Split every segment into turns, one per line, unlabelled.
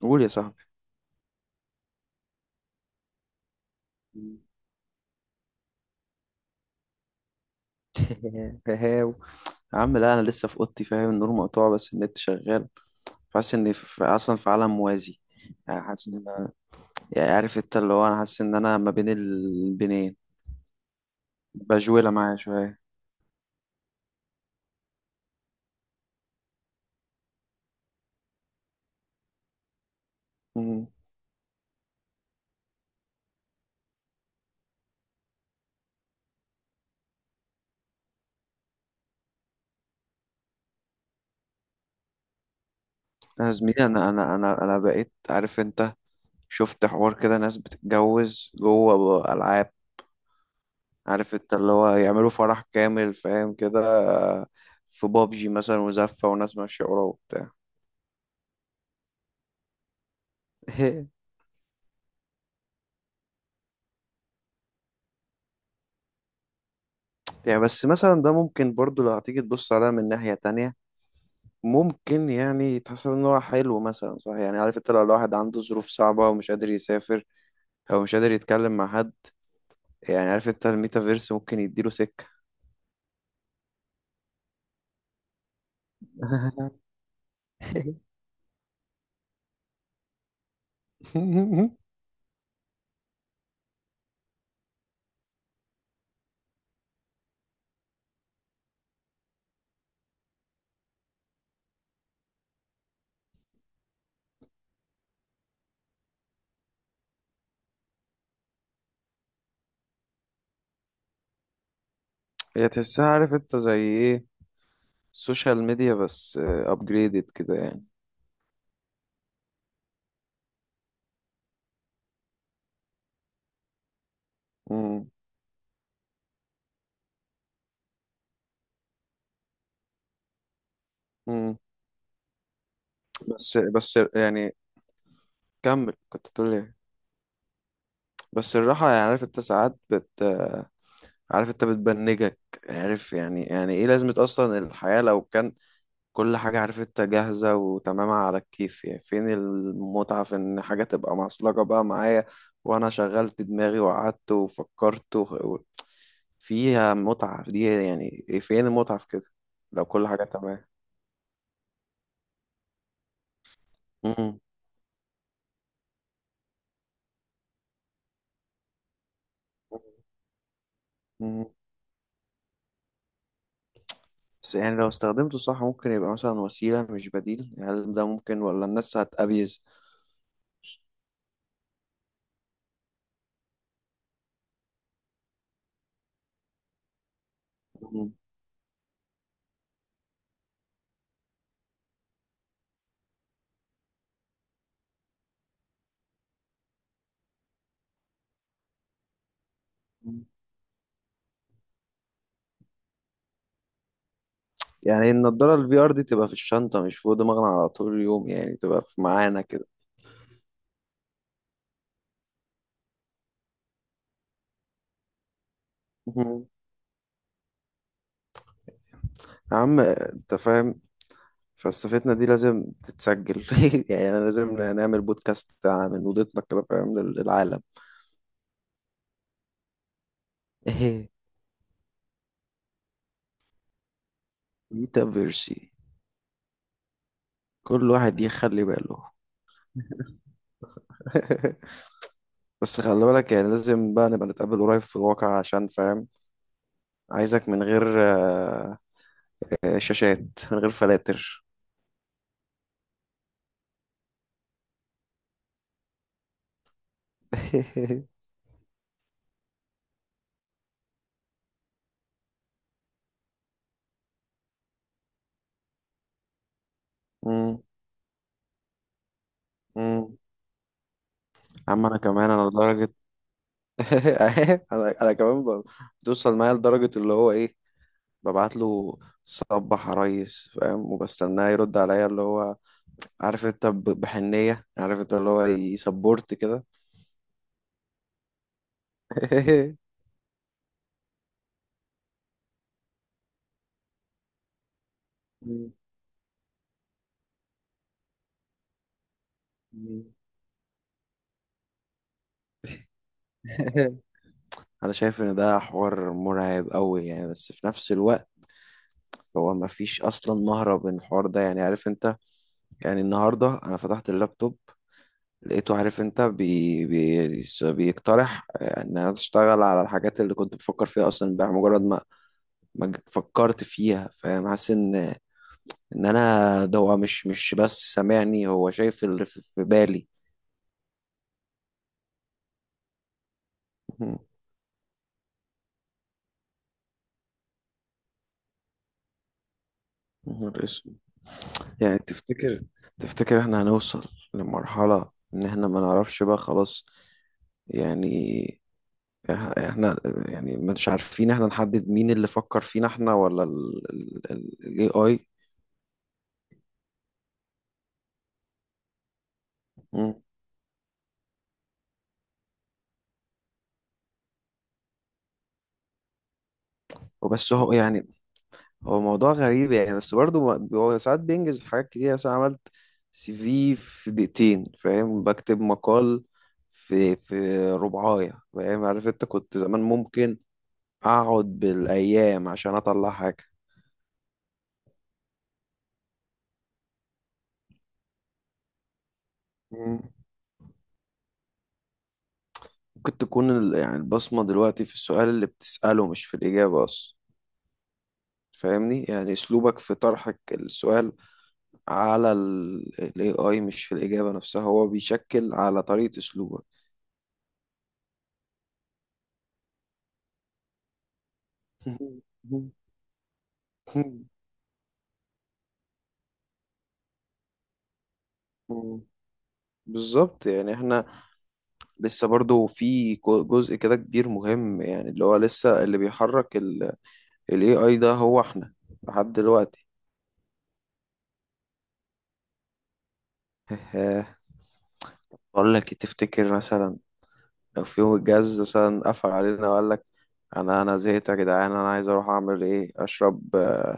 قول يا صاحبي. هاو، يا عم لا، انا لسه في اوضتي، فاهم؟ النور مقطوع بس النت شغال، فحاسس اني اصلا في عالم موازي. يعني حاسس ان انا، يعني عارف انت اللي هو انا حاسس ان انا ما بين البنين، بجولة معايا شوية. مم. يا زميلي، انا بقيت عارف انت، شفت حوار كده ناس بتتجوز جوه العاب، عارف انت اللي هو يعملوا فرح كامل فاهم كده، في بابجي مثلا، وزفة وناس ماشية وراه وبتاع. يعني بس مثلا ده ممكن برضو لو هتيجي تبص عليها من ناحية تانية، ممكن يعني يتحسب ان هو حلو مثلا، صح؟ يعني عارف انت لو الواحد عنده ظروف صعبة ومش قادر يسافر، او مش قادر يتكلم مع حد، يعني عارف انت الميتافيرس ممكن يديله سكة. هي تحسها عارف انت زي ايه؟ السوشيال ميديا بس ابجريدد كده يعني. مم. مم. بس يعني كمل، كنت تقول ايه؟ بس الراحة، يعني عارف انت، ساعات عارف انت بتبنجك، عارف يعني، يعني ايه لازمة اصلا الحياة لو كان كل حاجة عارف انت جاهزة وتمام على الكيف؟ يعني فين المتعة في ان حاجة تبقى معصلجة بقى معايا، وانا شغلت دماغي وقعدت وفكرت و... فيها متعة، دي يعني ايه؟ فين المتعة في كده لو كل حاجة تمام؟ مم. مم. بس يعني لو استخدمته صح، ممكن يبقى مثلا وسيلة مش بديل، هل ده ممكن ولا الناس هتأبيز؟ مم. يعني النضارة الفي ار دي تبقى في الشنطة، مش فوق دماغنا على طول اليوم، يعني تبقى في معانا كده. مهم. يا عم انت فاهم، فلسفتنا دي لازم تتسجل. يعني انا لازم نعمل بودكاست من اوضتنا كده، فاهم، للعالم. ميتافيرسي. كل واحد يخلي باله. بس خلي بالك يعني لازم بقى نبقى نتقابل قريب في الواقع عشان فاهم، عايزك من غير شاشات، من غير فلاتر. مم، مم. عم انا كمان، انا لدرجة، انا كمان بتوصل معايا لدرجة اللي هو ايه، ببعت له صبح يا ريس، فاهم، وبستناه يرد عليا اللي هو عارف انت بحنية، عارف انت اللي هو يسبورت كده. انا شايف ان ده حوار مرعب قوي يعني، بس في نفس الوقت هو ما فيش اصلا مهرب من الحوار ده، يعني عارف انت. يعني النهارده انا فتحت اللابتوب، لقيته عارف انت بي بي بيقترح ان انا اشتغل على الحاجات اللي كنت بفكر فيها اصلا امبارح، مجرد ما فكرت فيها، فاهم، حاسس ان انا ده هو مش بس سامعني، هو شايف اللي في بالي. مهم. نهار اسود. يعني تفتكر، احنا هنوصل لمرحلة ان احنا ما نعرفش بقى خلاص؟ يعني احنا يعني مش عارفين احنا نحدد مين اللي فكر فينا، احنا ولا ال AI؟ مم. وبس هو يعني، هو موضوع غريب يعني. بس برضه هو ساعات بينجز حاجات كتير، مثلا عملت سي في في دقيقتين، فاهم، بكتب مقال في في ربعاية، فاهم، عارف انت كنت زمان ممكن اقعد بالايام عشان اطلع حاجة. مم. ممكن تكون يعني البصمة دلوقتي في السؤال اللي بتسأله، مش في الإجابة أصلا. فاهمني؟ يعني أسلوبك في طرحك السؤال على ال AI، مش في الإجابة نفسها، هو بيشكل على طريقة أسلوبك. بالظبط، يعني احنا لسه برضو في جزء كده كبير مهم، يعني اللي هو لسه اللي بيحرك ال AI ده هو احنا، لحد دلوقتي. بقول لك إيه، تفتكر مثلا لو في يوم الجهاز مثلا قفل علينا وقال لك، انا زهقت يا جدعان، انا عايز اروح اعمل ايه، اشرب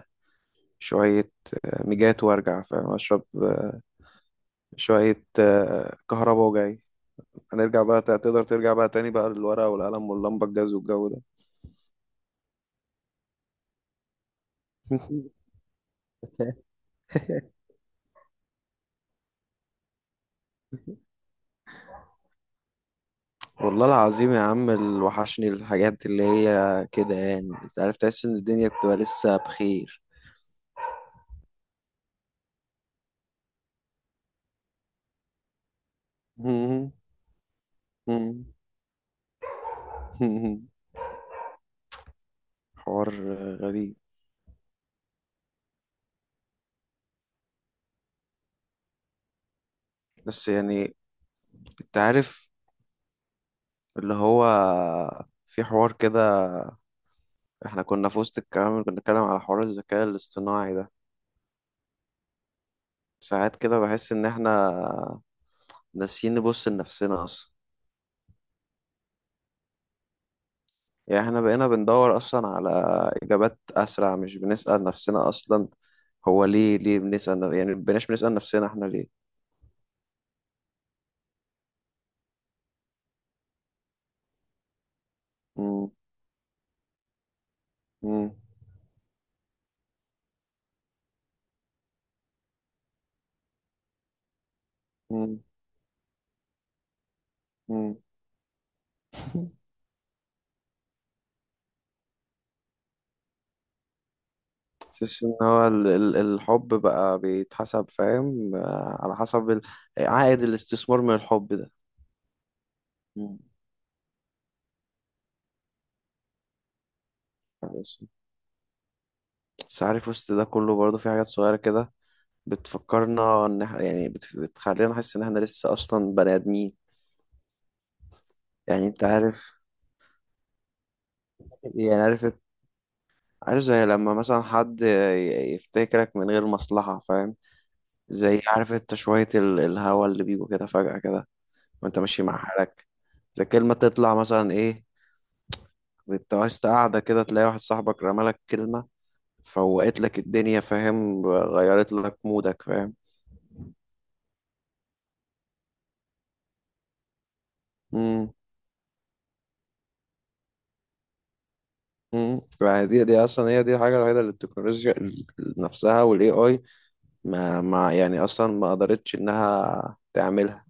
شوية ميجات وارجع، فاهم، اشرب شوية كهرباء وجاي، هنرجع بقى؟ تقدر ترجع بقى تاني بقى للورقة والقلم واللمبة الجاز والجو ده؟ والله العظيم يا عم اللي وحشني الحاجات اللي هي كده يعني، عارف تحس ان الدنيا بتبقى لسه بخير. مم. مم. حوار غريب، بس يعني انت عارف اللي هو، في حوار كده احنا كنا في وسط الكلام اللي كنا بنتكلم على حوار الذكاء الاصطناعي ده، ساعات كده بحس ان احنا ناسيين نبص لنفسنا اصلا. يعني احنا بقينا بندور اصلا على اجابات اسرع، مش بنسأل نفسنا اصلا هو ليه بنسأل يعني مبقيناش بنسأل نفسنا احنا ليه. مم. مم. مم. مم. تحس ان هو الحب بقى بيتحسب، فاهم، على حسب عائد الاستثمار من الحب ده. مم. بس بس عارف وسط ده كله برضه في حاجات صغيرة كده بتفكرنا ان احنا يعني بتخلينا نحس ان احنا لسه اصلا بني ادمين. يعني انت عارف، يعني عارف، عارف زي لما مثلا حد يفتكرك من غير مصلحة، فاهم، زي عارف انت شوية الهوا اللي بيجوا كده فجأة كده وانت ماشي مع حالك، زي كلمة تطلع مثلا ايه، وانت وسط قاعدة كده تلاقي واحد صاحبك رمالك كلمة، فوقت لك الدنيا، فاهم، غيرت لك مودك، فاهم؟ امم. امم. فدي اصلا هي دي الحاجة الوحيدة اللي التكنولوجيا نفسها والاي اي ما يعني اصلا ما قدرتش انها تعملها.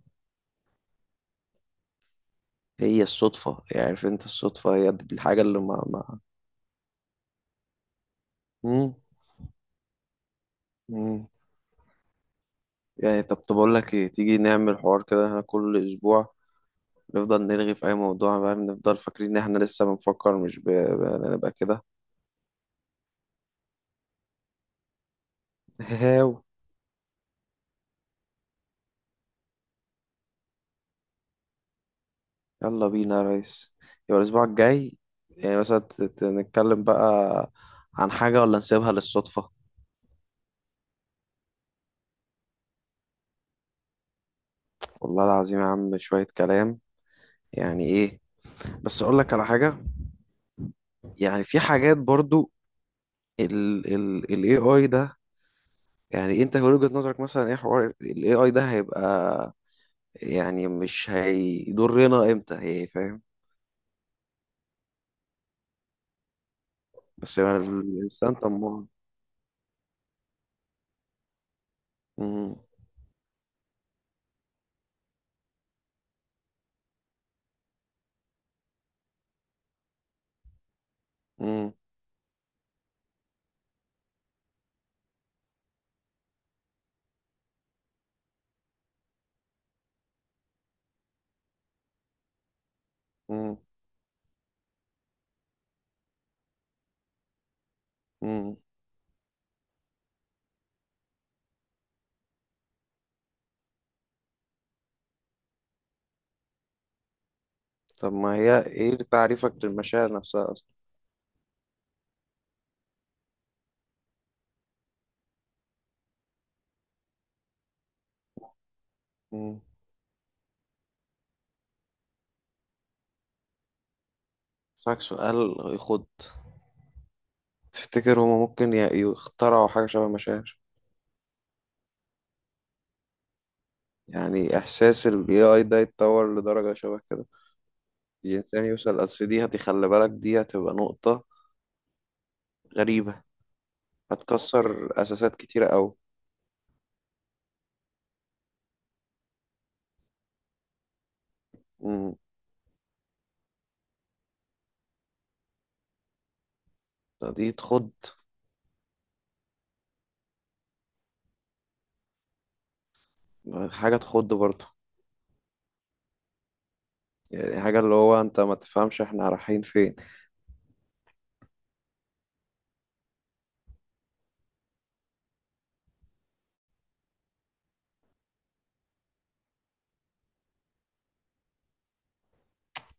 هي الصدفة، يعني عارف انت الصدفة هي دي الحاجة اللي ما مم. مم. يعني طب أقول لك إيه، تيجي نعمل حوار كده إحنا كل أسبوع، نفضل نرغي في أي موضوع بقى، نفضل فاكرين إن إحنا لسه بنفكر، مش نبقى كده. هاو. يلا بينا يا ريس. يبقى الأسبوع الجاي، يعني مثلا نتكلم بقى عن حاجة ولا نسيبها للصدفة؟ والله العظيم يا عم شوية كلام يعني إيه. بس أقول لك على حاجة، يعني في حاجات برضو، ال ال ال AI ده، يعني أنت من وجهة نظرك مثلا إيه حوار ال AI ده هيبقى، يعني مش هيضرنا امتى هي، فاهم؟ بس يعني الانسان طماع. مم، مم، مم، مم. طب ما هي ايه تعريفك للمشاعر نفسها اصلا؟ مم. اسالك سؤال يخد، تفتكر هما ممكن يخترعوا حاجة شبه مشاعر؟ يعني احساس ال AI ده يتطور لدرجة شبه كده الانسان، يوصل اصل دي خلي بالك دي هتبقى نقطة غريبة، هتكسر اساسات كتيرة قوي. مم. دي تخد، حاجة تخد برضه، يعني حاجة اللي هو انت ما تفهمش احنا رايحين فين.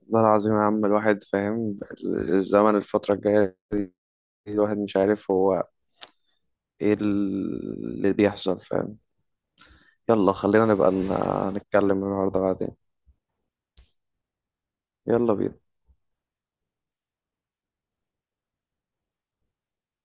والله العظيم يا عم الواحد فاهم، الزمن الفترة الجاية دي الواحد مش عارف هو ايه اللي بيحصل، فاهم؟ يلا خلينا نبقى نتكلم النهاردة بعدين. يلا بينا.